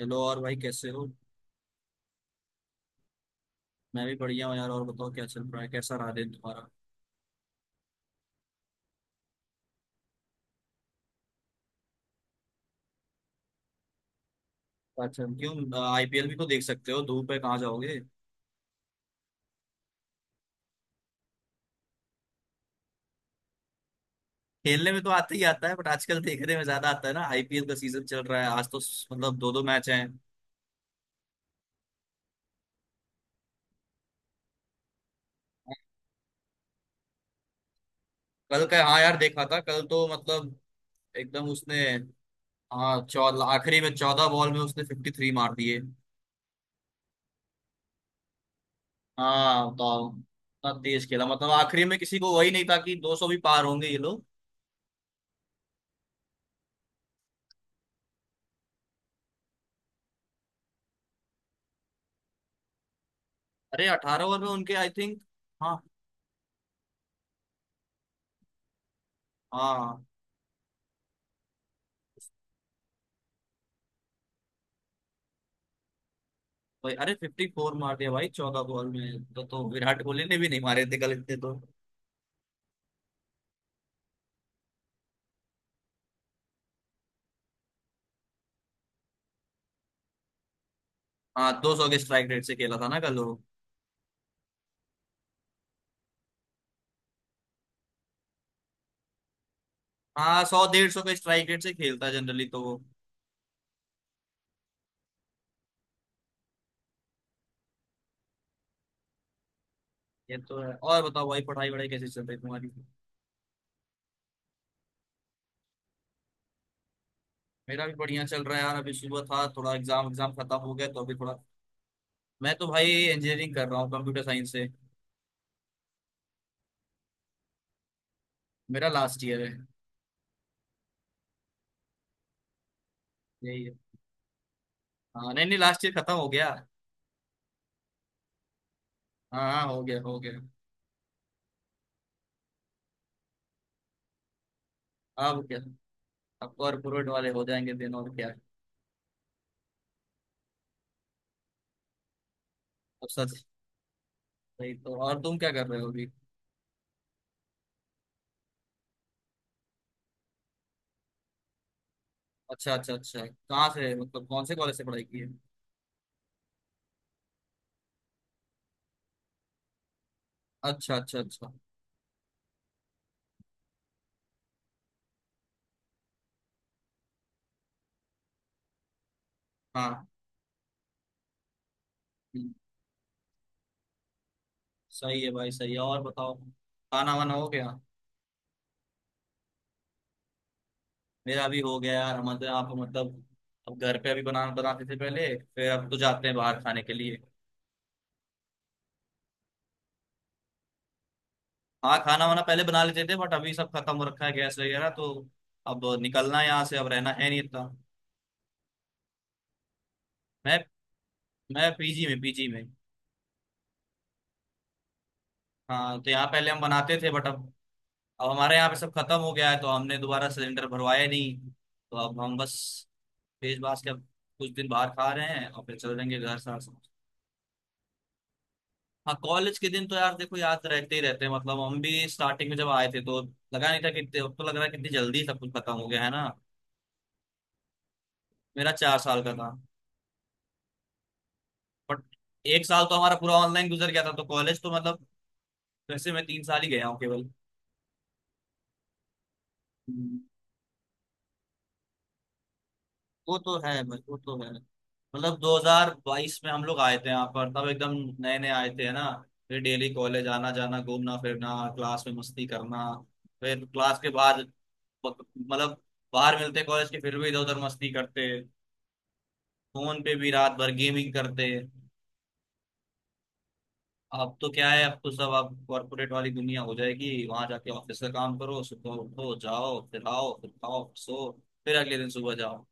Hello और भाई कैसे हो। मैं भी बढ़िया हूँ यार। और बताओ क्या चल रहा है, कैसा रहा दिन तुम्हारा। अच्छा, क्यों? आईपीएल भी तो देख सकते हो। धूप है, कहाँ जाओगे। खेलने में तो आते ही आता है, बट आजकल देखने में ज्यादा आता है ना। आईपीएल का सीजन चल रहा है। आज तो मतलब दो दो मैच हैं। कल का? हाँ यार देखा था। कल तो मतलब। एकदम उसने। हाँ, 14, आखिरी में 14 बॉल में उसने 53 मार दिए। हाँ, बताओ। इतना तेज खेला, मतलब आखिरी में किसी को वही नहीं था कि 200 भी पार होंगे ये लोग। अरे 18 ओवर में उनके, आई थिंक। हाँ। हाँ भाई, अरे 54 मार दिया भाई 14 बॉल में। तो विराट कोहली ने भी नहीं मारे थे कल इतने तो। हाँ, 200 के स्ट्राइक रेट से खेला था ना कल वो। हाँ, 100-150 के स्ट्राइक रेट से खेलता है जनरली तो वो। ये तो है। और बताओ भाई, पढ़ाई वढ़ाई कैसे चल रही है तुम्हारी। मेरा भी बढ़िया चल रहा है यार। अभी सुबह था थोड़ा एग्जाम एग्जाम खत्म हो गया तो अभी थोड़ा। मैं तो भाई इंजीनियरिंग कर रहा हूँ कंप्यूटर साइंस से। मेरा लास्ट ईयर है। यही है। हाँ नहीं नहीं, लास्ट ईयर खत्म हो गया। हाँ हाँ, हो गया हो गया। अब क्या। अब कॉर्पोरेट वाले हो जाएंगे दिन, और क्या। अब सच। नहीं तो, और तुम क्या कर रहे हो अभी। अच्छा अच्छा अच्छा, कहाँ से, मतलब कौन से कॉलेज से पढ़ाई की है। अच्छा अच्छा अच्छा। हाँ। हम्म। सही है भाई सही है। और बताओ। खाना वाना हो गया। मेरा भी हो गया यार। हमारे यहाँ पे मतलब। अब घर पे अभी बना बनाते थे पहले, फिर अब तो जाते हैं बाहर खाने के लिए। हाँ, खाना वाना पहले बना लेते थे बट अभी सब खत्म हो रखा है गैस वगैरह तो। अब निकलना है यहाँ से, अब रहना है नहीं इतना। मैं मैं पीजी में पीजी में। हाँ तो यहाँ पहले हम बनाते थे बट अब। अब हमारे यहाँ पे सब खत्म हो गया है तो हमने दोबारा सिलेंडर भरवाया नहीं। तो अब हम बस। पेज बास के अब। कुछ दिन बाहर खा रहे हैं और फिर चल देंगे घर साथ साथ। हाँ, कॉलेज के दिन तो यार देखो याद रहते ही रहते हैं, मतलब हम भी स्टार्टिंग में जब आए थे तो। लगा नहीं था कितने, अब तो लग रहा है कितनी जल्दी सब कुछ खत्म हो गया है ना। मेरा 4 साल का था। बट एक साल तो हमारा पूरा ऑनलाइन गुजर गया था तो कॉलेज तो मतलब। वैसे मैं 3 साल ही गया हूँ केवल। हम्म। वो तो है, बस वो तो है। मतलब 2022 में हम लोग आए थे यहाँ पर तब एकदम। नए नए आए थे है ना। फिर डेली कॉलेज आना जाना, घूमना फिरना, क्लास में मस्ती करना। फिर क्लास के बाद। मतलब। बाहर मिलते कॉलेज के फिर भी इधर उधर मस्ती करते। फोन पे भी रात भर गेमिंग करते। अब तो क्या है, अब तो सब अब कॉर्पोरेट वाली दुनिया हो जाएगी वहां जाके। ऑफिस का काम करो, सुबह उठो जाओ, फिर आओ, फिर खाओ, फिर सो। फिर अगले दिन सुबह जाओ।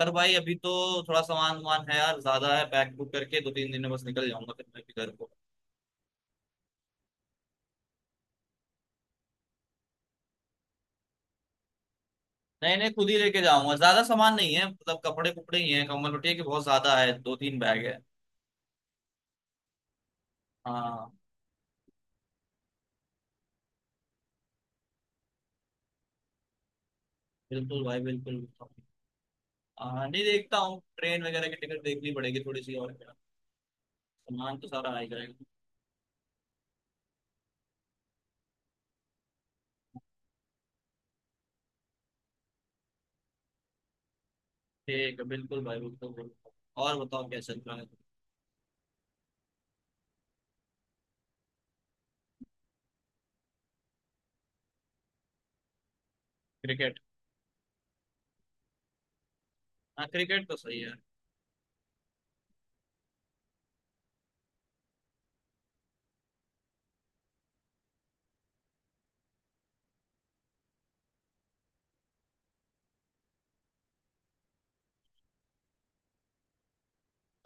पर भाई अभी तो। थोड़ा सामान वामान है यार, ज्यादा है। पैक बुक करके दो तीन दिन में बस निकल जाऊंगा फिर मैं भी घर को। नहीं नहीं, खुद ही लेके जाऊंगा, ज्यादा सामान नहीं है, मतलब कपड़े कुपड़े ही हैं। कंबल पट्टी के बहुत ज्यादा है, दो तीन बैग है। हाँ बिल्कुल भाई बिल्कुल। हाँ नहीं, देखता हूँ ट्रेन वगैरह की टिकट देखनी पड़ेगी थोड़ी सी, और क्या। सामान तो सारा आ ही जाएगा। ठीक है बिल्कुल भाई बिल्कुल बिल्कुल। और बताओ क्या चल रहा है। क्रिकेट। हाँ, क्रिकेट तो सही है।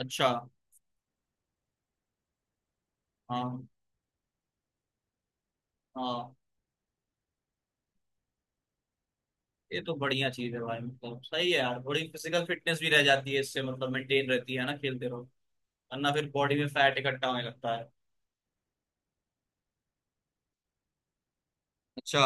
अच्छा। हाँ हाँ। ये तो बढ़िया चीज है भाई, मतलब सही है यार। थोड़ी फिजिकल फिटनेस भी रह जाती है इससे, मतलब मेंटेन रहती है ना खेलते रहो। वरना फिर बॉडी में फैट इकट्ठा होने लगता है। अच्छा।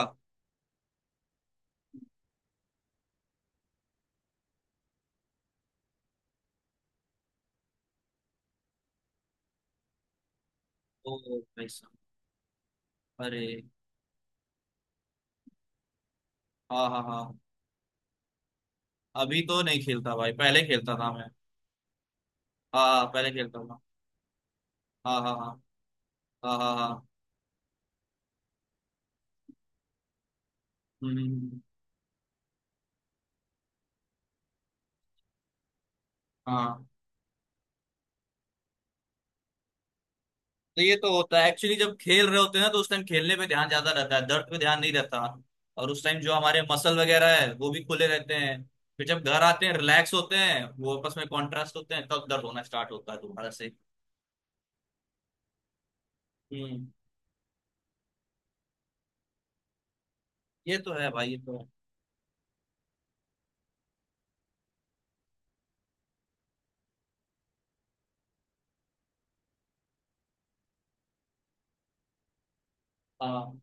तो भाई साहब। अरे। हाँ हाँ हाँ। अभी तो नहीं खेलता भाई, पहले खेलता था मैं। हाँ हाँ, पहले खेलता था। हाँ हाँ हाँ। हाँ हाँ हाँ। हम्म हम्म, हम्म, हम्म। हाँ। तो ये तो होता है एक्चुअली, जब खेल रहे होते हैं ना तो उस टाइम खेलने पे ध्यान ज्यादा रहता है, दर्द पे ध्यान नहीं रहता। और उस टाइम जो हमारे मसल वगैरह है वो भी खुले रहते हैं। फिर जब घर आते हैं रिलैक्स होते हैं, वो आपस में कॉन्ट्रास्ट होते हैं, तब दर्द होना स्टार्ट होता है दोबारा से। हम्म। ये तो है भाई, ये तो है। हाँ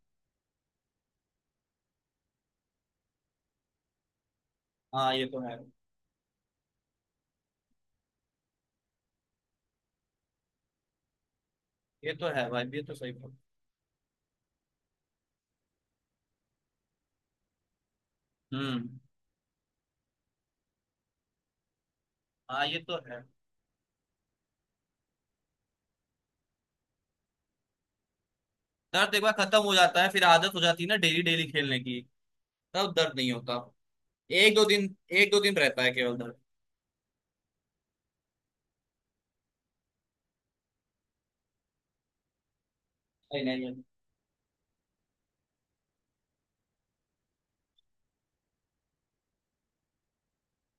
हाँ, ये तो है। ये तो है भाई, ये तो सही बात। हम्म। हाँ, ये तो है। दर्द एक बार खत्म हो जाता है फिर आदत हो जाती है ना, डेली डेली खेलने की। तब दर्द नहीं होता। एक दो दिन। एक दो दिन रहता है केवल दर्द। नहीं नहीं।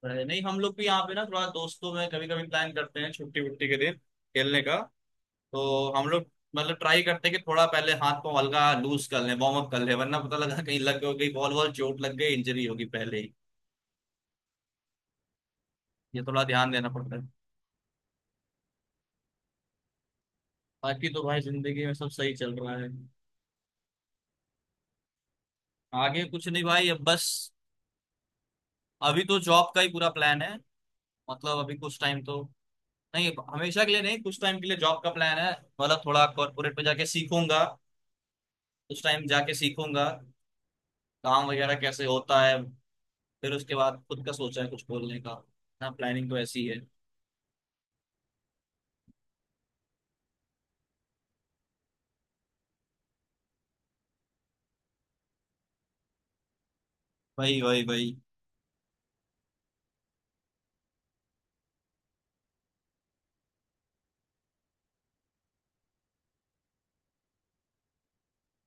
नहीं नहीं, हम लोग भी यहाँ पे ना थोड़ा दोस्तों में कभी कभी प्लान करते हैं, छुट्टी वुट्टी के दिन। खेलने का। तो हम लोग। मतलब ट्राई करते हैं कि थोड़ा पहले हाथ को हल्का लूज कर लें, वार्म अप कर लें, वरना पता लगा कहीं लग गई बॉल बॉल चोट लग गई, इंजरी होगी पहले ही। ये थोड़ा ध्यान देना पड़ता है। बाकी तो भाई जिंदगी में सब सही चल रहा है। आगे कुछ नहीं भाई, अब बस। अभी तो जॉब का ही पूरा प्लान है। मतलब अभी कुछ टाइम तो। नहीं हमेशा के लिए नहीं, कुछ टाइम के लिए जॉब का प्लान है। मतलब थोड़ा कॉर्पोरेट में जाके सीखूंगा। उस टाइम जाके सीखूंगा। काम वगैरह कैसे होता है। फिर उसके बाद खुद का सोचा है कुछ बोलने का। ना प्लानिंग तो ऐसी है। वही वही वही।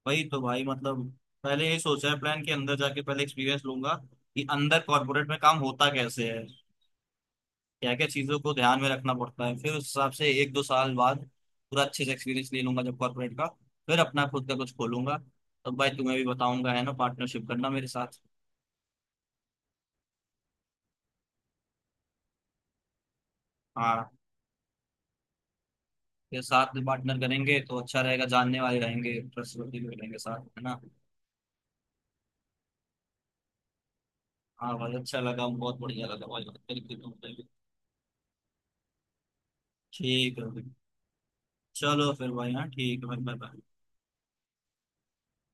वही तो भाई, मतलब। पहले ये सोचा है, प्लान के अंदर जाके पहले एक्सपीरियंस लूंगा। कि अंदर कॉर्पोरेट में काम होता कैसे है। क्या क्या चीज़ों को ध्यान में रखना पड़ता है, फिर उस हिसाब से एक दो साल बाद। पूरा अच्छे से एक्सपीरियंस ले लूंगा जब कॉर्पोरेट का। फिर अपना खुद का कुछ खोलूंगा। तब भाई तुम्हें भी बताऊंगा है ना, पार्टनरशिप करना मेरे साथ। हाँ। फिर साथ में पार्टनर करेंगे तो अच्छा रहेगा, जानने वाले रहेंगे ट्रस्टवर्दी भी रहेंगे साथ, है ना। हाँ भाई अच्छा लगा, बहुत बढ़िया लगा भाई, बिल्कुल बिल्कुल। ठीक है भाई। चलो फिर भाई, हाँ ठीक है भाई, बाय बाय।